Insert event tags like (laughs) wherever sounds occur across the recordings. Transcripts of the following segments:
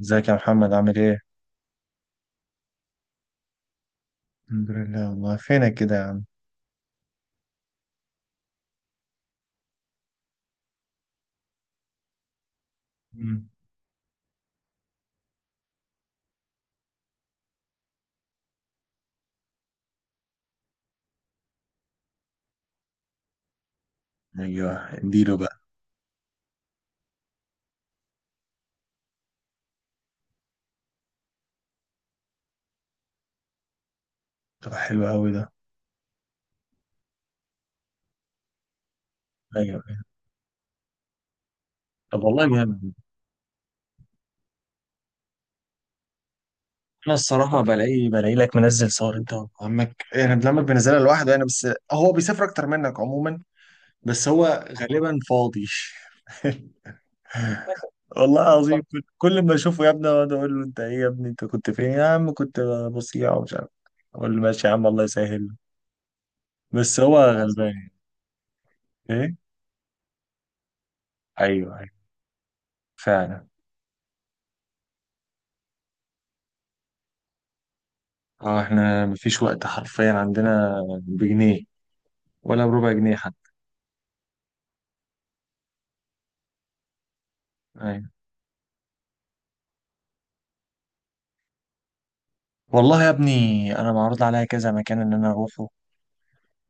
ازيك يا محمد؟ عامل ايه؟ الحمد لله. والله فينك كده يا عم؟ مم. ايوه اديله بقى. طب حلو قوي ده. ايوه، أيوة. طب والله جامد. انا الصراحه بلاقي لك منزل صور انت وعمك، يعني ابن عمك بينزلها لوحده يعني، بس هو بيسافر اكتر منك عموما. بس هو غالبا فاضي. (laughs) والله العظيم كل ما اشوفه يا ابني اقعد اقول له انت ايه يا ابني، انت كنت فين يا عم؟ كنت بصيع ومش عارف. اقول له ماشي يا عم، الله يسهل. بس هو غلبان. ايه، ايوه ايوه فعلا. اه احنا مفيش وقت حرفيا، عندنا بجنيه ولا بربع جنيه حتى. ايوه، والله يا ابني انا معروض عليا كذا مكان ان انا اروحه،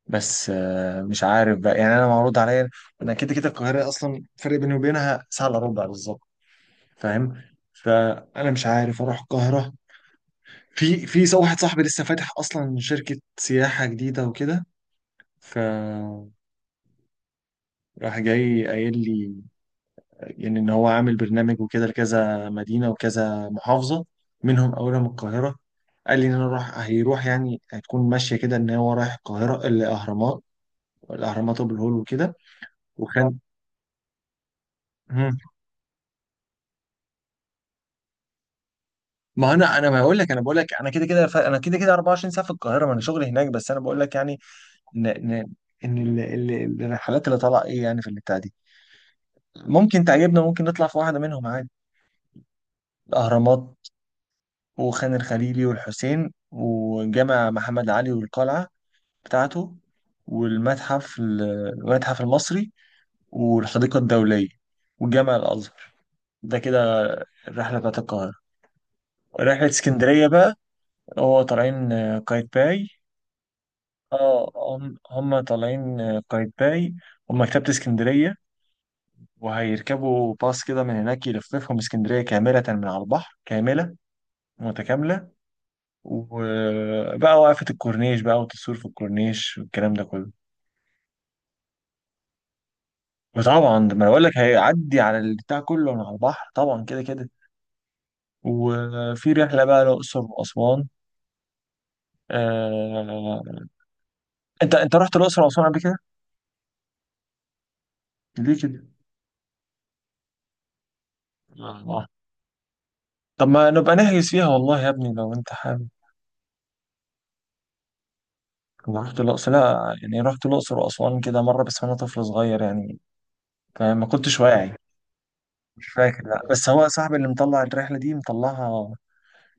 بس مش عارف بقى. يعني انا معروض عليا، انا كده كده القاهره اصلا فرق بيني وبينها ساعه الا ربع بالظبط، فاهم؟ فانا مش عارف اروح القاهره. واحد صاحبي لسه فاتح اصلا شركه سياحه جديده وكده، فراح جاي قايل لي يعني ان هو عامل برنامج وكده لكذا مدينه وكذا محافظه، منهم اولهم القاهره. قال لي ان انا راح هيروح، يعني هتكون ماشيه كده ان هو رايح القاهره، الاهرامات، الاهرامات وابو الهول وكده. وكان مم. ما انا، انا ما اقول لك انا بقول لك انا كده كده انا كده كده 24 ساعه في القاهره، ما انا شغلي هناك، بس انا بقول لك يعني ان ان ان ال- الرحلات اللي طالعه ايه يعني في البتاع دي، ممكن تعجبنا، ممكن نطلع في واحده منهم عادي. الاهرامات وخان الخليلي والحسين وجامع محمد علي والقلعه بتاعته، والمتحف المصري، والحديقة الدولية، وجامع الأزهر. ده كده الرحلة بتاعت القاهرة. رحلة اسكندرية بقى، هو طالعين قايتباي. اه هم طالعين قايتباي ومكتبة اسكندرية، وهيركبوا باص كده من هناك يلففهم اسكندرية كاملة من على البحر، كاملة متكاملة. وبقى وقفة الكورنيش بقى، والتصوير في الكورنيش والكلام ده كله. وطبعا ده ما أنا بقول لك، هيعدي على البتاع كله من على البحر طبعا كده كده. وفي رحله بقى الاقصر واسوان. آه... انت انت رحت الاقصر واسوان قبل كده؟ ليه كده؟ آه. طب ما نبقى نحجز فيها والله يا ابني لو انت حابب. انا رحت الاقصر، لا يعني رحت الاقصر واسوان كده مره بس وانا طفل صغير يعني، فاهم؟ ما كنتش واعي. مش فاكر، لا، بس هو صاحبي اللي مطلع الرحله دي مطلعها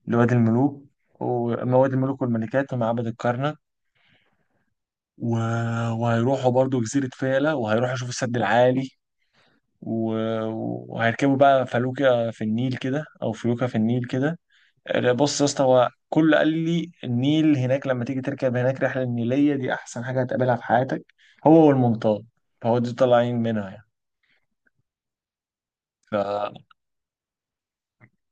لوادي الملوك، وما وادي الملوك والملكات ومعبد الكرنك و... وهيروحوا برضو جزيرة فيلة، وهيروحوا يشوفوا السد العالي و... وهيركبوا بقى فلوكة في النيل كده، أو فلوكة في النيل كده. بص يا اسطى، هو كل قال لي النيل هناك، لما تيجي تركب هناك رحلة النيلية دي أحسن حاجة هتقابلها في حياتك هو والمنطاد. فهو دي طالعين منها يعني. ف...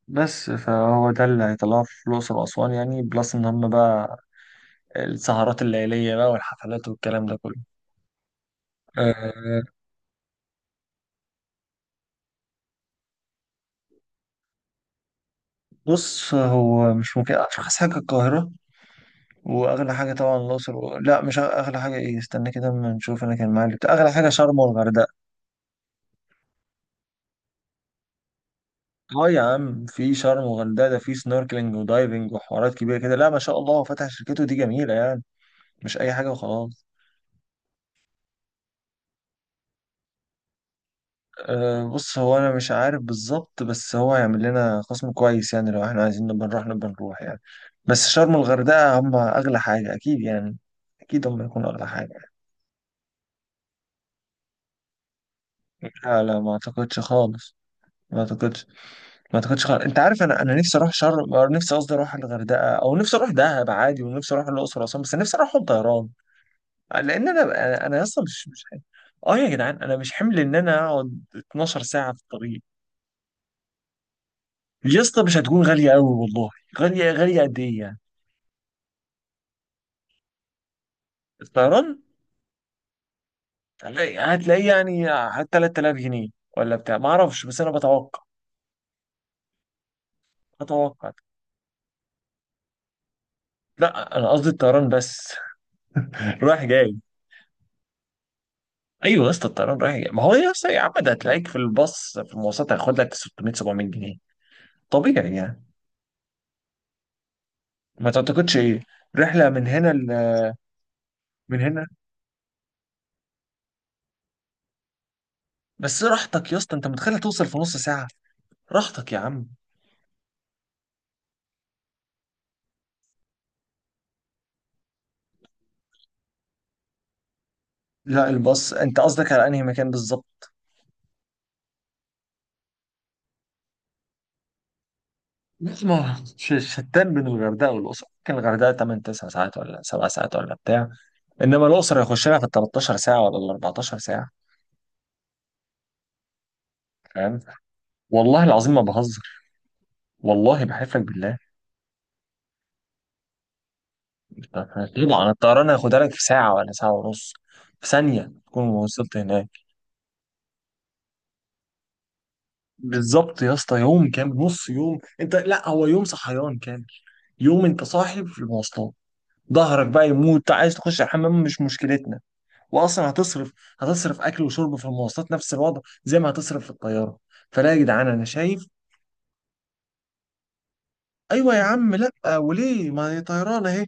بس فهو ده اللي هيطلعه في الأقصر وأسوان، يعني بلس إن هم بقى السهرات الليلية بقى والحفلات والكلام ده كله. أه بص، هو مش ممكن، أرخص حاجة القاهرة، واغلى حاجه طبعا الاقصر لا، مش أغ- اغلى حاجه ايه، استنى كده اما نشوف. انا كان معايا اغلى حاجه شرم والغردقه. اه يا عم، في شرم والغردقه ده في سنوركلينج ودايفنج وحوارات كبيره كده، لا ما شاء الله، هو فتح شركته دي جميله يعني، مش اي حاجه وخلاص. أه بص، هو انا مش عارف بالظبط، بس هو هيعمل لنا خصم كويس يعني لو احنا عايزين نبقى نروح يعني. بس شرم والغردقه هم اغلى حاجه اكيد يعني، اكيد هم يكونوا اغلى حاجه. لا لا ما اعتقدش خالص، ما اعتقدش، ما اعتقدش خالص. انت عارف انا، انا نفسي اروح شرم، أو نفسي قصدي اروح الغردقه، او نفسي اروح دهب عادي، ونفسي اروح الاقصر واسوان، بس نفسي اروح طيران. لان انا اصلا مش حمل. اه يا جدعان انا مش حمل ان انا اقعد 12 ساعه في الطريق. يا اسطى مش هتكون غاليه قوي والله. غاليه قد ايه يعني؟ الطيران هتلاقي يعني 3000 جنيه ولا بتاع، ما اعرفش، بس انا بتوقع، بتوقع. لا انا قصدي الطيران بس (laughs) رايح جاي. ايوه يا اسطى، الطيران رايح جاي. ما هو يا اسطى يا عم، ده هتلاقيك في الباص في المواصلات هياخد لك 600 700 جنيه طبيعي يعني. ما تعتقدش ايه؟ رحله من هنا من هنا؟ بس راحتك يا اسطى، انت متخيل توصل في نص ساعه. راحتك يا عم. لا الباص، انت قصدك على انهي مكان بالظبط؟ ما شتان بين الغردقه والاقصر. ممكن الغردقه 8 9 ساعات ولا 7 ساعات ولا بتاع، انما الاقصر هيخش لها في ال 13 ساعه ولا ال 14 ساعه، فاهم؟ والله العظيم ما بهزر، والله بحلف لك بالله. طبعا الطيران هياخدها لك في ساعة ولا ساعة ونص، في ثانية تكون وصلت هناك. بالظبط يا اسطى، يوم كامل، نص يوم، انت لا هو يوم صحيان كامل، يوم انت صاحي في المواصلات، ظهرك بقى يموت، عايز تخش الحمام مش مشكلتنا، واصلا هتصرف، هتصرف اكل وشرب في المواصلات نفس الوضع زي ما هتصرف في الطيارة. فلا يا جدعان انا شايف. ايوه يا عم، لا وليه؟ ما هي طيران اهي.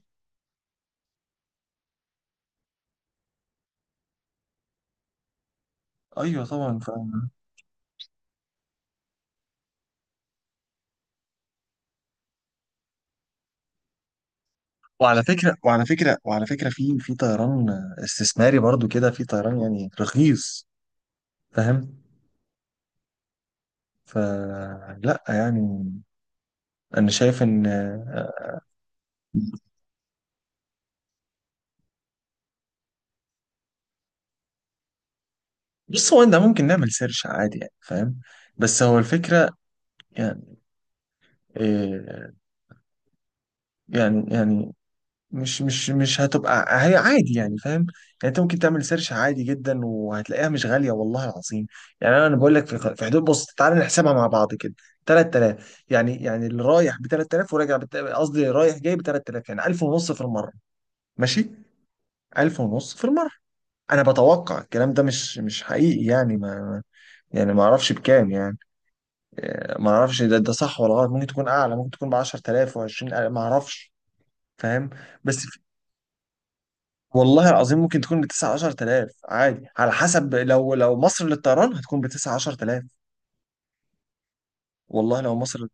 ايوه طبعا. وعلى فكرة في طيران استثماري برضو كده، في طيران يعني رخيص، فاهم؟ فلا يعني، انا شايف ان، بص هو ده ممكن نعمل سيرش عادي يعني، فاهم؟ بس هو الفكرة يعني إيه، يعني يعني مش هتبقى هي عادي يعني، فاهم يعني؟ انت ممكن تعمل سيرش عادي جدا وهتلاقيها مش غاليه والله العظيم. يعني انا بقول لك في حدود، بص تعالى نحسبها مع بعض كده، 3000 يعني، يعني اللي رايح ب 3000 وراجع قصدي رايح جاي ب 3000، يعني 1000 ونص في المره، ماشي، 1000 ونص في المره. انا بتوقع الكلام ده مش حقيقي يعني، ما يعني ما اعرفش بكام يعني. ما اعرفش ده ده صح ولا غلط، ممكن تكون اعلى، ممكن تكون ب 10,000 و 20,000، ما اعرفش، فاهم؟ بس والله العظيم ممكن تكون بتسعة عشر تلاف عادي، على حسب، لو لو مصر للطيران هتكون بتسعة عشر تلاف. والله لو مصر،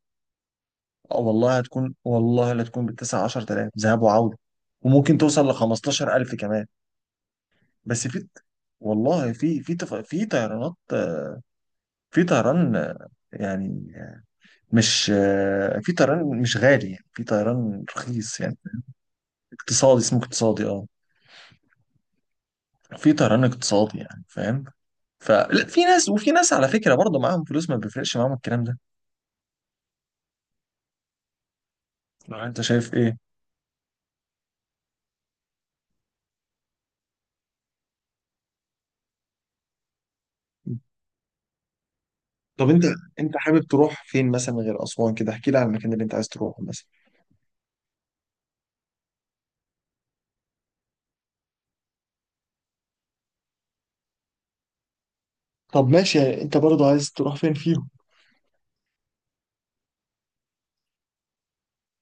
أو والله هتكون، والله لا تكون بتسعة عشر تلاف ذهاب وعودة، وممكن توصل لخمستاشر ألف كمان. بس في، والله في في طيرانات، في طيران يعني، مش آه، في طيران مش غالي يعني، في طيران رخيص يعني. اقتصادي اسمه اقتصادي، اه، في طيران اقتصادي يعني، فاهم؟ فلا، في ناس وفي ناس على فكرة برضه معاهم فلوس ما بيفرقش معاهم الكلام ده. لو انت شايف ايه؟ طب انت، انت حابب تروح فين مثلا غير اسوان كده؟ احكي لي على المكان اللي انت عايز تروحه مثلا. طب ماشي، انت برضو عايز تروح فين فيهم؟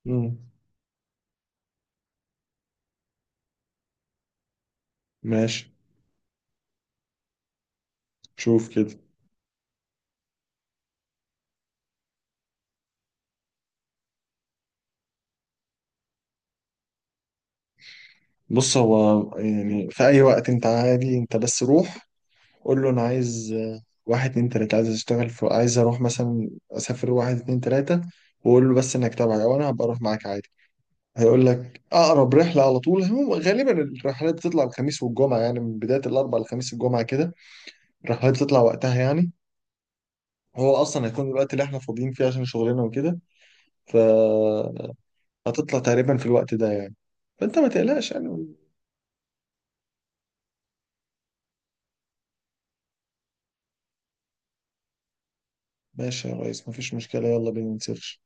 مم. ماشي، شوف كده. بص هو يعني في اي وقت انت عادي، انت بس روح قول له انا عايز واحد اتنين تلاته، عايز اشتغل في، عايز اروح مثلا، اسافر واحد اتنين تلاته. وقول له بس انك تابعي او انا هبقى اروح معاك عادي. هيقول لك اقرب رحله على طول. هو غالبا الرحلات بتطلع الخميس والجمعه، يعني من بدايه الاربعاء للخميس الجمعه كده الرحلات تطلع وقتها يعني. هو اصلا هيكون الوقت اللي احنا فاضيين فيه عشان شغلنا وكده، فهتطلع تقريبا في الوقت ده يعني، فانت ما تقلقش يعني. ماشي يا ريس، مفيش مشكلة، يلا بينا نسيرش.